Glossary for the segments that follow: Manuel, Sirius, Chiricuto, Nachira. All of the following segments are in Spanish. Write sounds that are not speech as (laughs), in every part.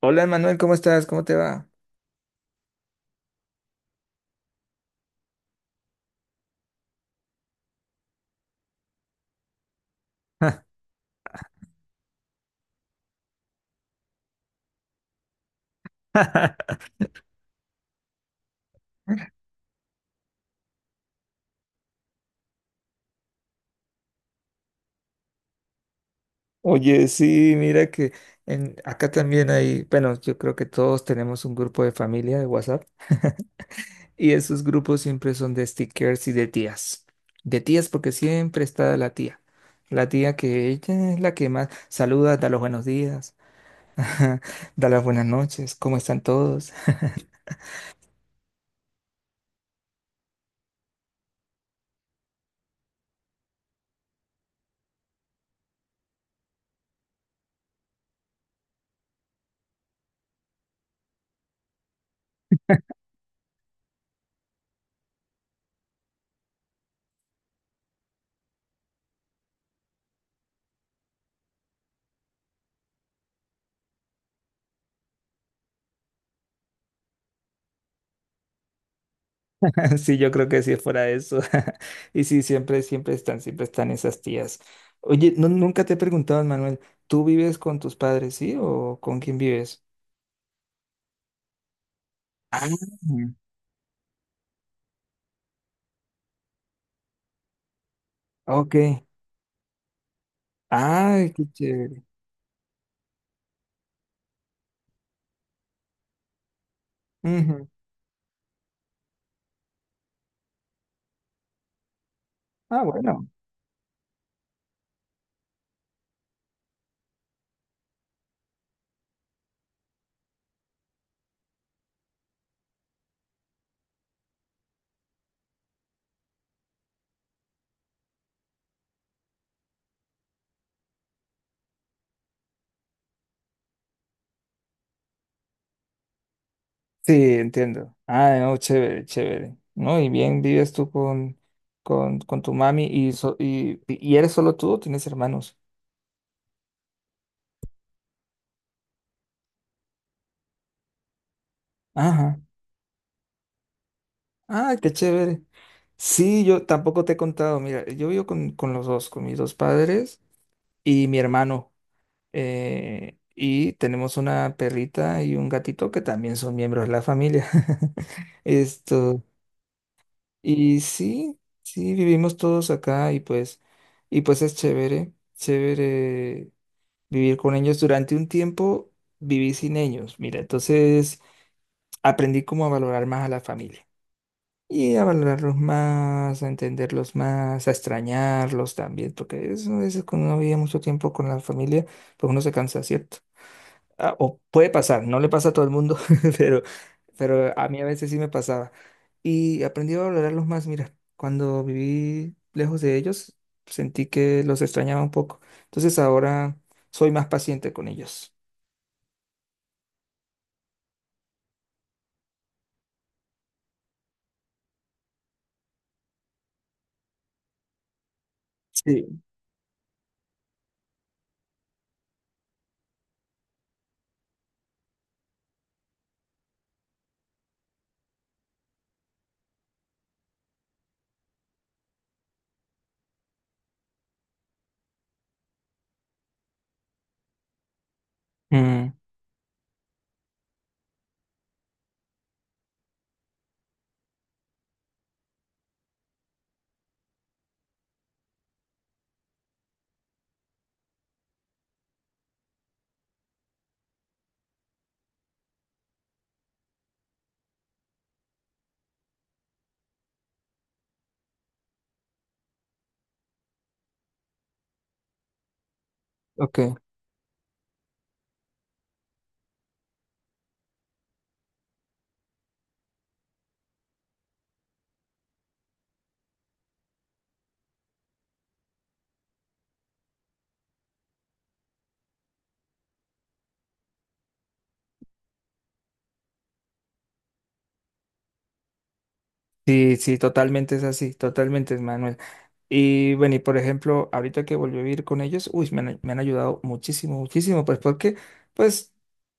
Hola Manuel, ¿cómo estás? ¿Cómo te va? (laughs) Oye, sí, mira que acá también hay, bueno, yo creo que todos tenemos un grupo de familia de WhatsApp y esos grupos siempre son de stickers y de tías. De tías porque siempre está la tía. La tía que ella es la que más saluda, da los buenos días, (laughs) da las buenas noches, ¿cómo están todos? (laughs) Sí, yo creo que sí fuera eso. (laughs) Y sí, siempre, siempre están esas tías. Oye, no, nunca te he preguntado, Manuel, ¿tú vives con tus padres, sí? ¿O con quién vives? Ah, ok. Ay, qué chévere. Ujú. Ah, bueno. Sí, entiendo. Ah, no, chévere, chévere. No, y bien, vives tú con tu mami y, y, ¿y eres solo tú o tienes hermanos? Ajá. Ah, qué chévere. Sí, yo tampoco te he contado. Mira, yo vivo con los dos, con mis dos padres y mi hermano. Y tenemos una perrita y un gatito que también son miembros de la familia. (laughs) Esto. Y sí, sí, vivimos todos acá y pues es chévere, chévere vivir con ellos. Durante un tiempo viví sin ellos. Mira, entonces aprendí como a valorar más a la familia, y a valorarlos más, a entenderlos más, a extrañarlos también, porque eso a veces cuando uno vive mucho tiempo con la familia, pues uno se cansa, ¿cierto? Ah, o puede pasar, no le pasa a todo el mundo, (laughs) pero, pero a mí a veces sí me pasaba. Y aprendí a valorarlos más, mira, cuando viví lejos de ellos, sentí que los extrañaba un poco. Entonces ahora soy más paciente con ellos. Sí. Mm, ok. Sí, sí, totalmente es así, totalmente, hermano. Y bueno, y por ejemplo, ahorita que volví a vivir con ellos, uy, me han ayudado muchísimo, muchísimo, pues porque pues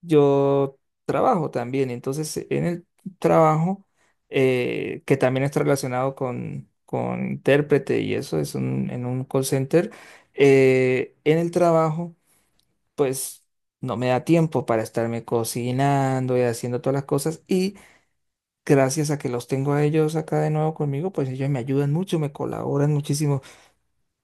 yo trabajo también, entonces en el trabajo, que también está relacionado con intérprete y eso, es un, en un call center, en el trabajo, pues no me da tiempo para estarme cocinando y haciendo todas las cosas y gracias a que los tengo a ellos acá de nuevo conmigo, pues ellos me ayudan mucho, me colaboran muchísimo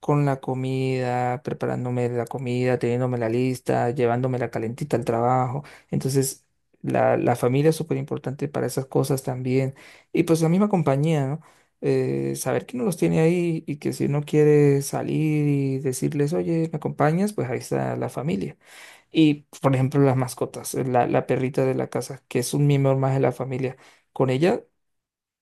con la comida, preparándome la comida, teniéndome la lista, llevándome la calentita al trabajo. Entonces, la familia es súper importante para esas cosas también. Y pues la misma compañía, ¿no? Saber que no los tiene ahí y que si uno quiere salir y decirles, oye, ¿me acompañas? Pues ahí está la familia. Y, por ejemplo, las mascotas, la perrita de la casa, que es un miembro más de la familia. Con ella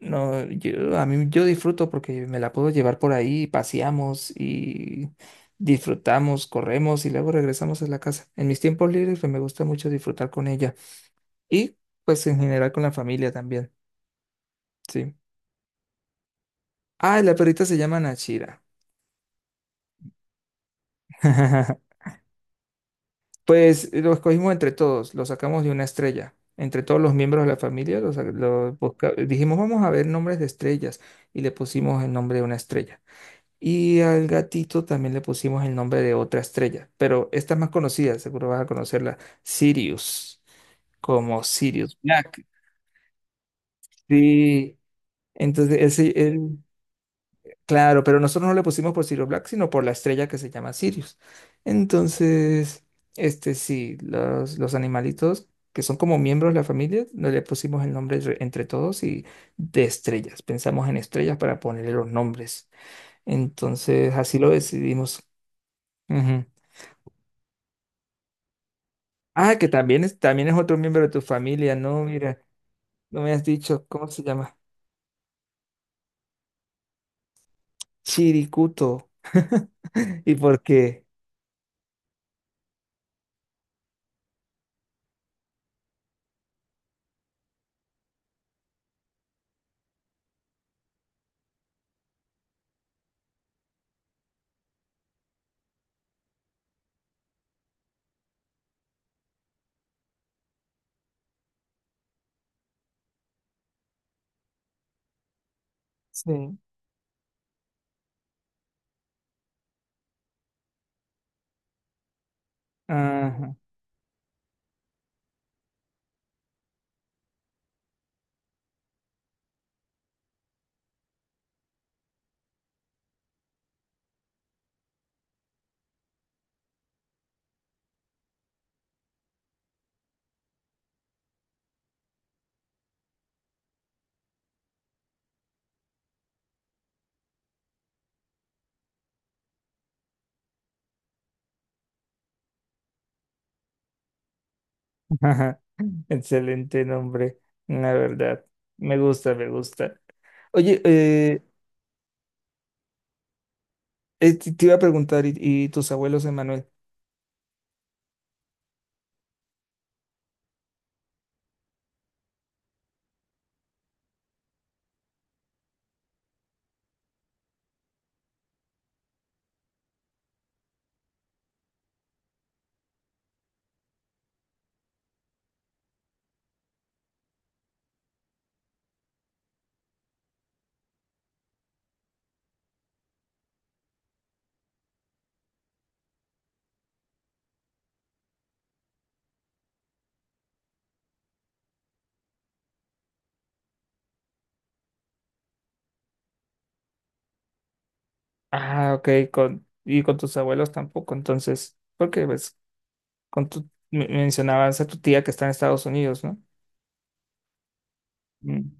no, yo, a mí yo disfruto porque me la puedo llevar por ahí, paseamos y disfrutamos, corremos y luego regresamos a la casa. En mis tiempos libres pues, me gusta mucho disfrutar con ella y pues en general con la familia también, sí. Ah, la perrita se llama Nachira. (laughs) Pues lo escogimos entre todos, lo sacamos de una estrella. Entre todos los miembros de la familia, lo, sa- lo busca- dijimos, vamos a ver nombres de estrellas y le pusimos el nombre de una estrella. Y al gatito también le pusimos el nombre de otra estrella, pero esta es más conocida, seguro vas a conocerla, Sirius, como Sirius Black. Sí, entonces ese, claro, pero nosotros no le pusimos por Sirius Black, sino por la estrella que se llama Sirius. Entonces, este sí, los animalitos que son como miembros de la familia, no le pusimos el entre todos y de estrellas. Pensamos en estrellas para ponerle los nombres. Entonces, así lo decidimos. Ujú. Ah, que también es otro miembro de tu familia, ¿no? Mira, no me has dicho, ¿cómo se llama? Chiricuto. (laughs) ¿Y por qué? Sí. Ajá, ajá. (laughs) Excelente nombre, la verdad. Me gusta, me gusta. Oye, te iba a preguntar, y tus abuelos, Emanuel? Ah, ok, con, y con tus abuelos tampoco, entonces, porque pues, con tu, mencionabas a tu tía que está en Estados Unidos, ¿no? Mm.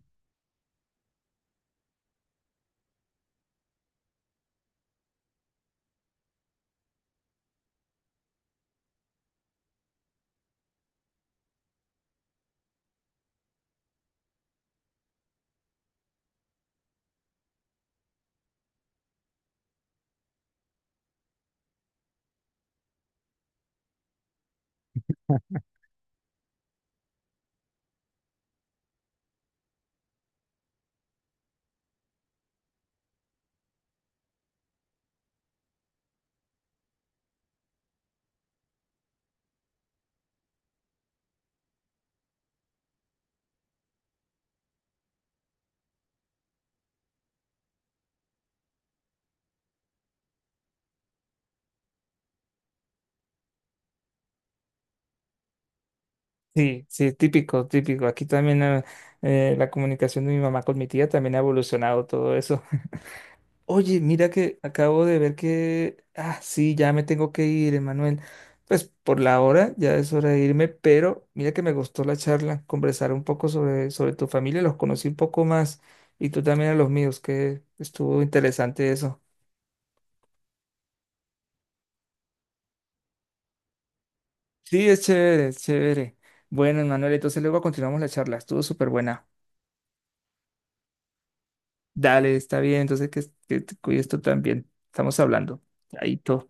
Sí, sí, típico, típico. Aquí también la comunicación de mi mamá con mi tía también ha evolucionado todo eso. (laughs) Oye, mira que acabo de ver que, ah, sí, ya me tengo que ir, Emanuel. Pues por la hora ya es hora de irme, pero mira que me gustó la charla, conversar un poco sobre, sobre tu familia, los conocí un poco más y tú también a los míos, que estuvo interesante eso. Sí, es chévere, es chévere. Bueno, Emanuel, entonces luego continuamos la charla, estuvo súper buena. Dale, está bien, entonces que te cuides tú también. Estamos hablando. Ahí todo.